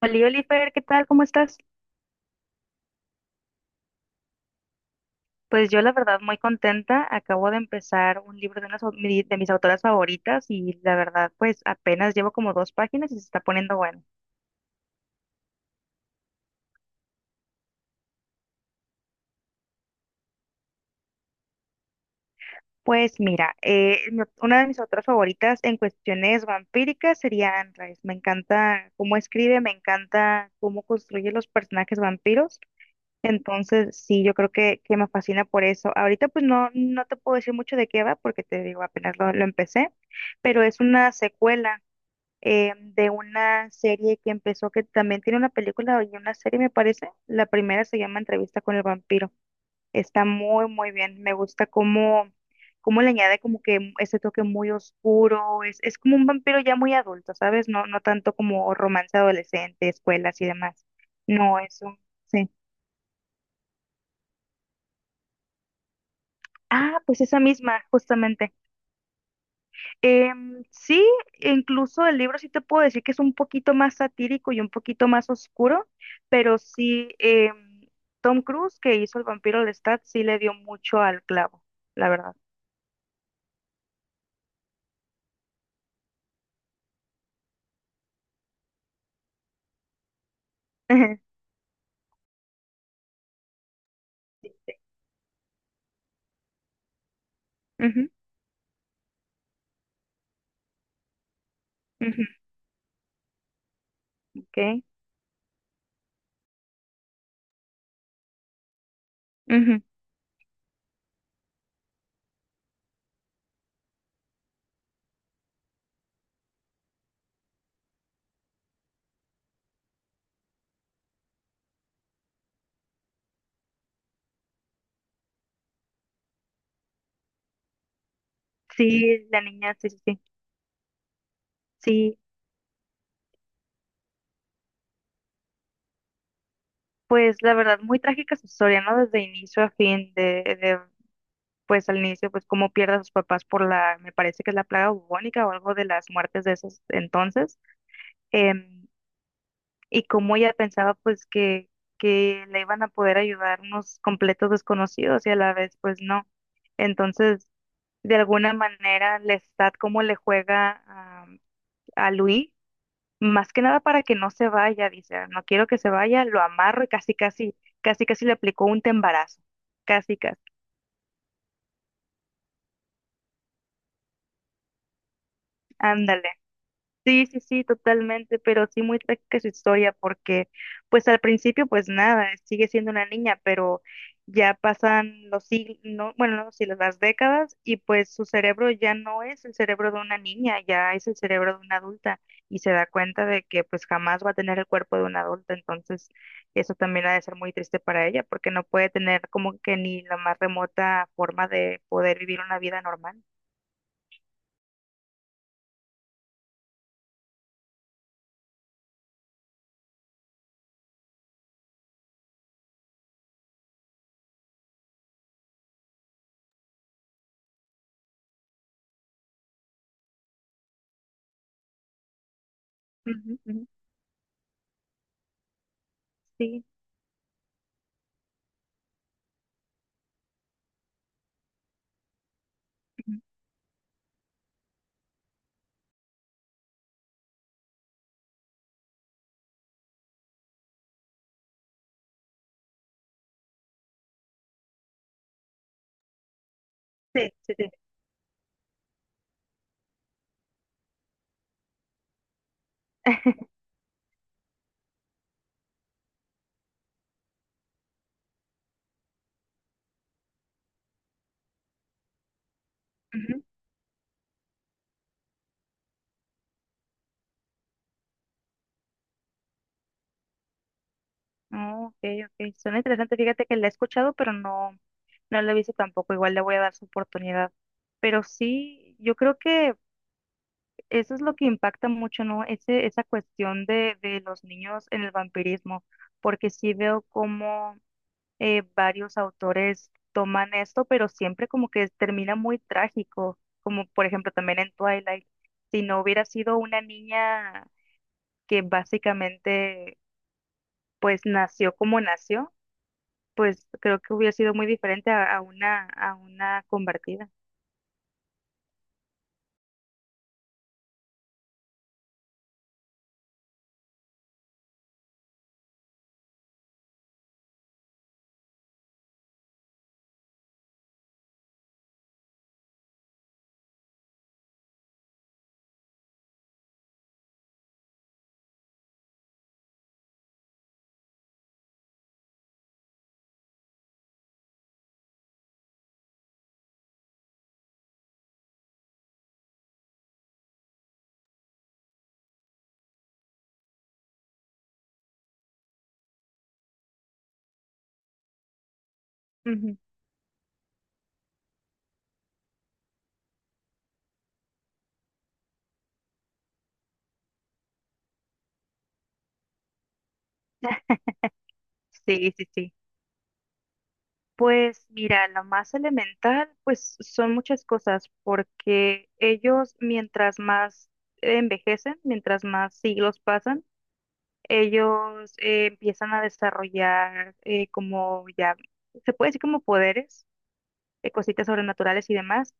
Oli, Oliver, ¿qué tal? ¿Cómo estás? Pues yo la verdad muy contenta. Acabo de empezar un libro de, unas, de mis autoras favoritas y la verdad pues apenas llevo como dos páginas y se está poniendo bueno. Pues mira, una de mis autoras favoritas en cuestiones vampíricas sería Anne Rice. Me encanta cómo escribe, me encanta cómo construye los personajes vampiros. Entonces, sí, yo creo que me fascina por eso. Ahorita pues no, no te puedo decir mucho de qué va porque te digo, apenas lo empecé, pero es una secuela, de una serie que empezó, que también tiene una película y una serie, me parece. La primera se llama Entrevista con el vampiro. Está muy, muy bien. Me gusta cómo, cómo le añade como que ese toque muy oscuro. Es como un vampiro ya muy adulto, ¿sabes? No, no tanto como romance adolescente, escuelas y demás. No, eso, sí. Ah, pues esa misma, justamente. Sí, incluso el libro sí te puedo decir que es un poquito más satírico y un poquito más oscuro, pero sí, Tom Cruise, que hizo El vampiro Lestat, sí le dio mucho al clavo, la verdad. Sí, sí. Ujú, ujú, ok, ujú. Sí, la niña, sí, sí, sí. Sí, pues la verdad, muy trágica su historia, ¿no? Desde inicio a fin, de, pues al inicio, pues cómo pierde a sus papás por la, me parece que es la plaga bubónica o algo de las muertes de esos entonces. Em, y cómo ella pensaba pues que le iban a poder ayudar unos completos desconocidos y a la vez pues no. Entonces, de alguna manera, Lestat cómo le juega a Louis, más que nada para que no se vaya, dice: "Ah, no quiero que se vaya, lo amarro y casi, casi, casi, casi le aplicó un tembarazo, casi, casi", ándale. Sí, sí, sí, totalmente, pero sí muy trágica su historia porque pues al principio pues nada, sigue siendo una niña, pero ya pasan los siglos, no, bueno, no los siglos, las décadas y pues su cerebro ya no es el cerebro de una niña, ya es el cerebro de una adulta y se da cuenta de que pues jamás va a tener el cuerpo de una adulta, entonces eso también ha de ser muy triste para ella porque no puede tener como que ni la más remota forma de poder vivir una vida normal. Ujú, ujú, sí, ujú. Sí, sí, sí. Oh, ok, ok. Suena interesante. Fíjate que la he escuchado, pero no, no la he visto tampoco. Igual le voy a dar su oportunidad. Pero sí, yo creo que eso es lo que impacta mucho, ¿no? Ese, esa cuestión de los niños en el vampirismo, porque sí veo cómo varios autores toman esto, pero siempre como que termina muy trágico, como por ejemplo también en Twilight. Si no hubiera sido una niña que básicamente pues nació como nació, pues creo que hubiera sido muy diferente a una convertida. Ujú. Sí, sí, sí. Pues mira, lo más elemental, pues son muchas cosas, porque ellos mientras más envejecen, mientras más siglos pasan, ellos empiezan a desarrollar como ya, se puede decir como poderes, cositas sobrenaturales y demás.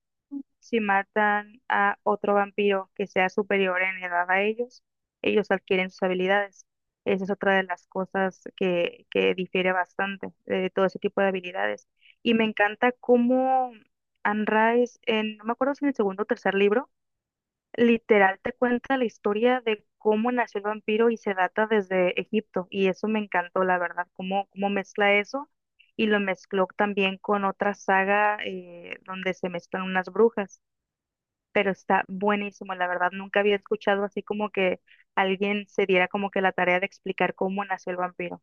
Si matan a otro vampiro que sea superior en edad a ellos, ellos adquieren sus habilidades. Esa es otra de las cosas que difiere bastante de todo ese tipo de habilidades. Y me encanta cómo Anne Rice, en, no me acuerdo si en el segundo o tercer libro, literal te cuenta la historia de cómo nació el vampiro y se data desde Egipto. Y eso me encantó, la verdad, cómo, cómo mezcla eso y lo mezcló también con otra saga, donde se mezclan unas brujas, pero está buenísimo, la verdad, nunca había escuchado así como que alguien se diera como que la tarea de explicar cómo nació el vampiro.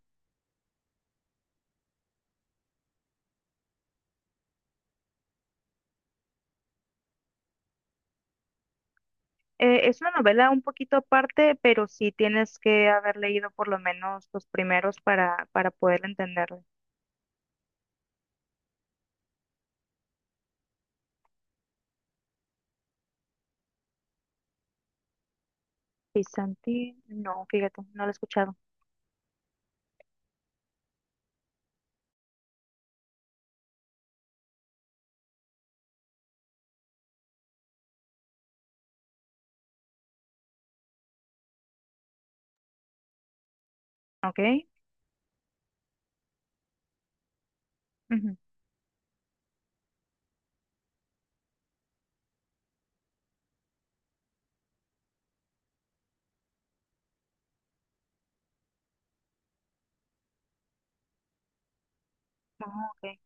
Es una novela un poquito aparte, pero sí tienes que haber leído por lo menos los primeros para poder entenderlo. Pisanti, no, fíjate, no lo he escuchado. Ok. Ujú. Ah, ok.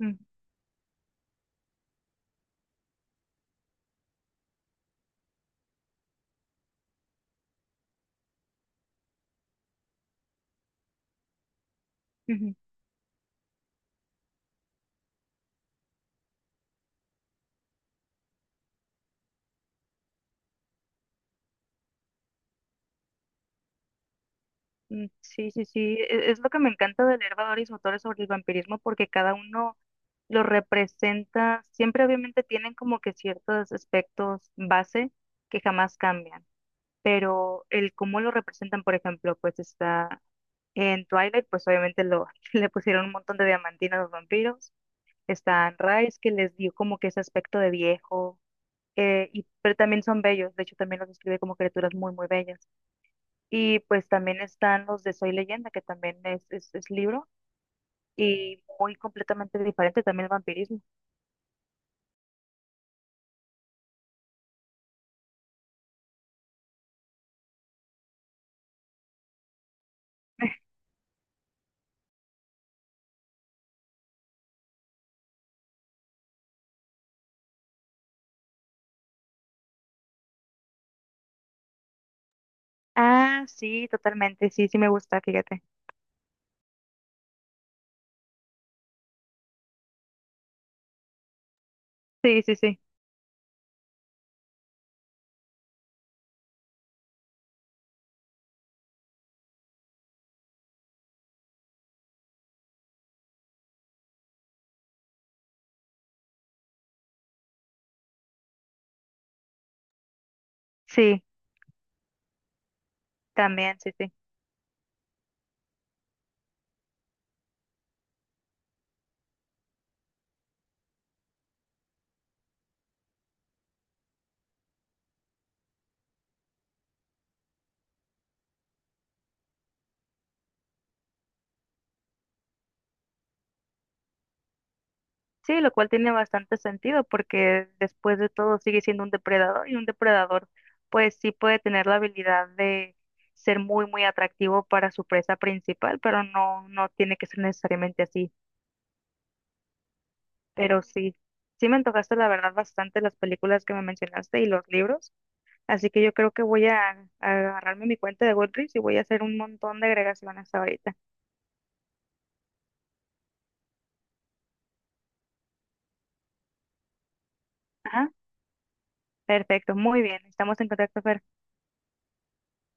Ujú, ujú. Mm, sí, sí, sí. Es lo que me encanta de leer valores y autores sobre el vampirismo porque cada uno lo representa. Siempre obviamente tienen como que ciertos aspectos base que jamás cambian, pero el cómo lo representan, por ejemplo, pues está en Twilight, pues obviamente lo, le pusieron un montón de diamantina a los vampiros. Está en Rise, que les dio como que ese aspecto de viejo, y, pero también son bellos. De hecho, también los describe como criaturas muy, muy bellas. Y pues también están los de Soy Leyenda, que también es libro y muy completamente diferente también el vampirismo. Ah, sí, totalmente, sí, sí me gusta, fíjate. Sí, sí, sí, sí, también, sí, sí. Sí, lo cual tiene bastante sentido porque después de todo sigue siendo un depredador y un depredador pues sí puede tener la habilidad de ser muy, muy atractivo para su presa principal, pero no, no tiene que ser necesariamente así. Pero sí, sí me antojaste la verdad bastante las películas que me mencionaste y los libros, así que yo creo que voy a agarrarme mi cuenta de Goodreads y voy a hacer un montón de agregaciones ahorita. Ajá, perfecto, muy bien, estamos en contacto, Fer.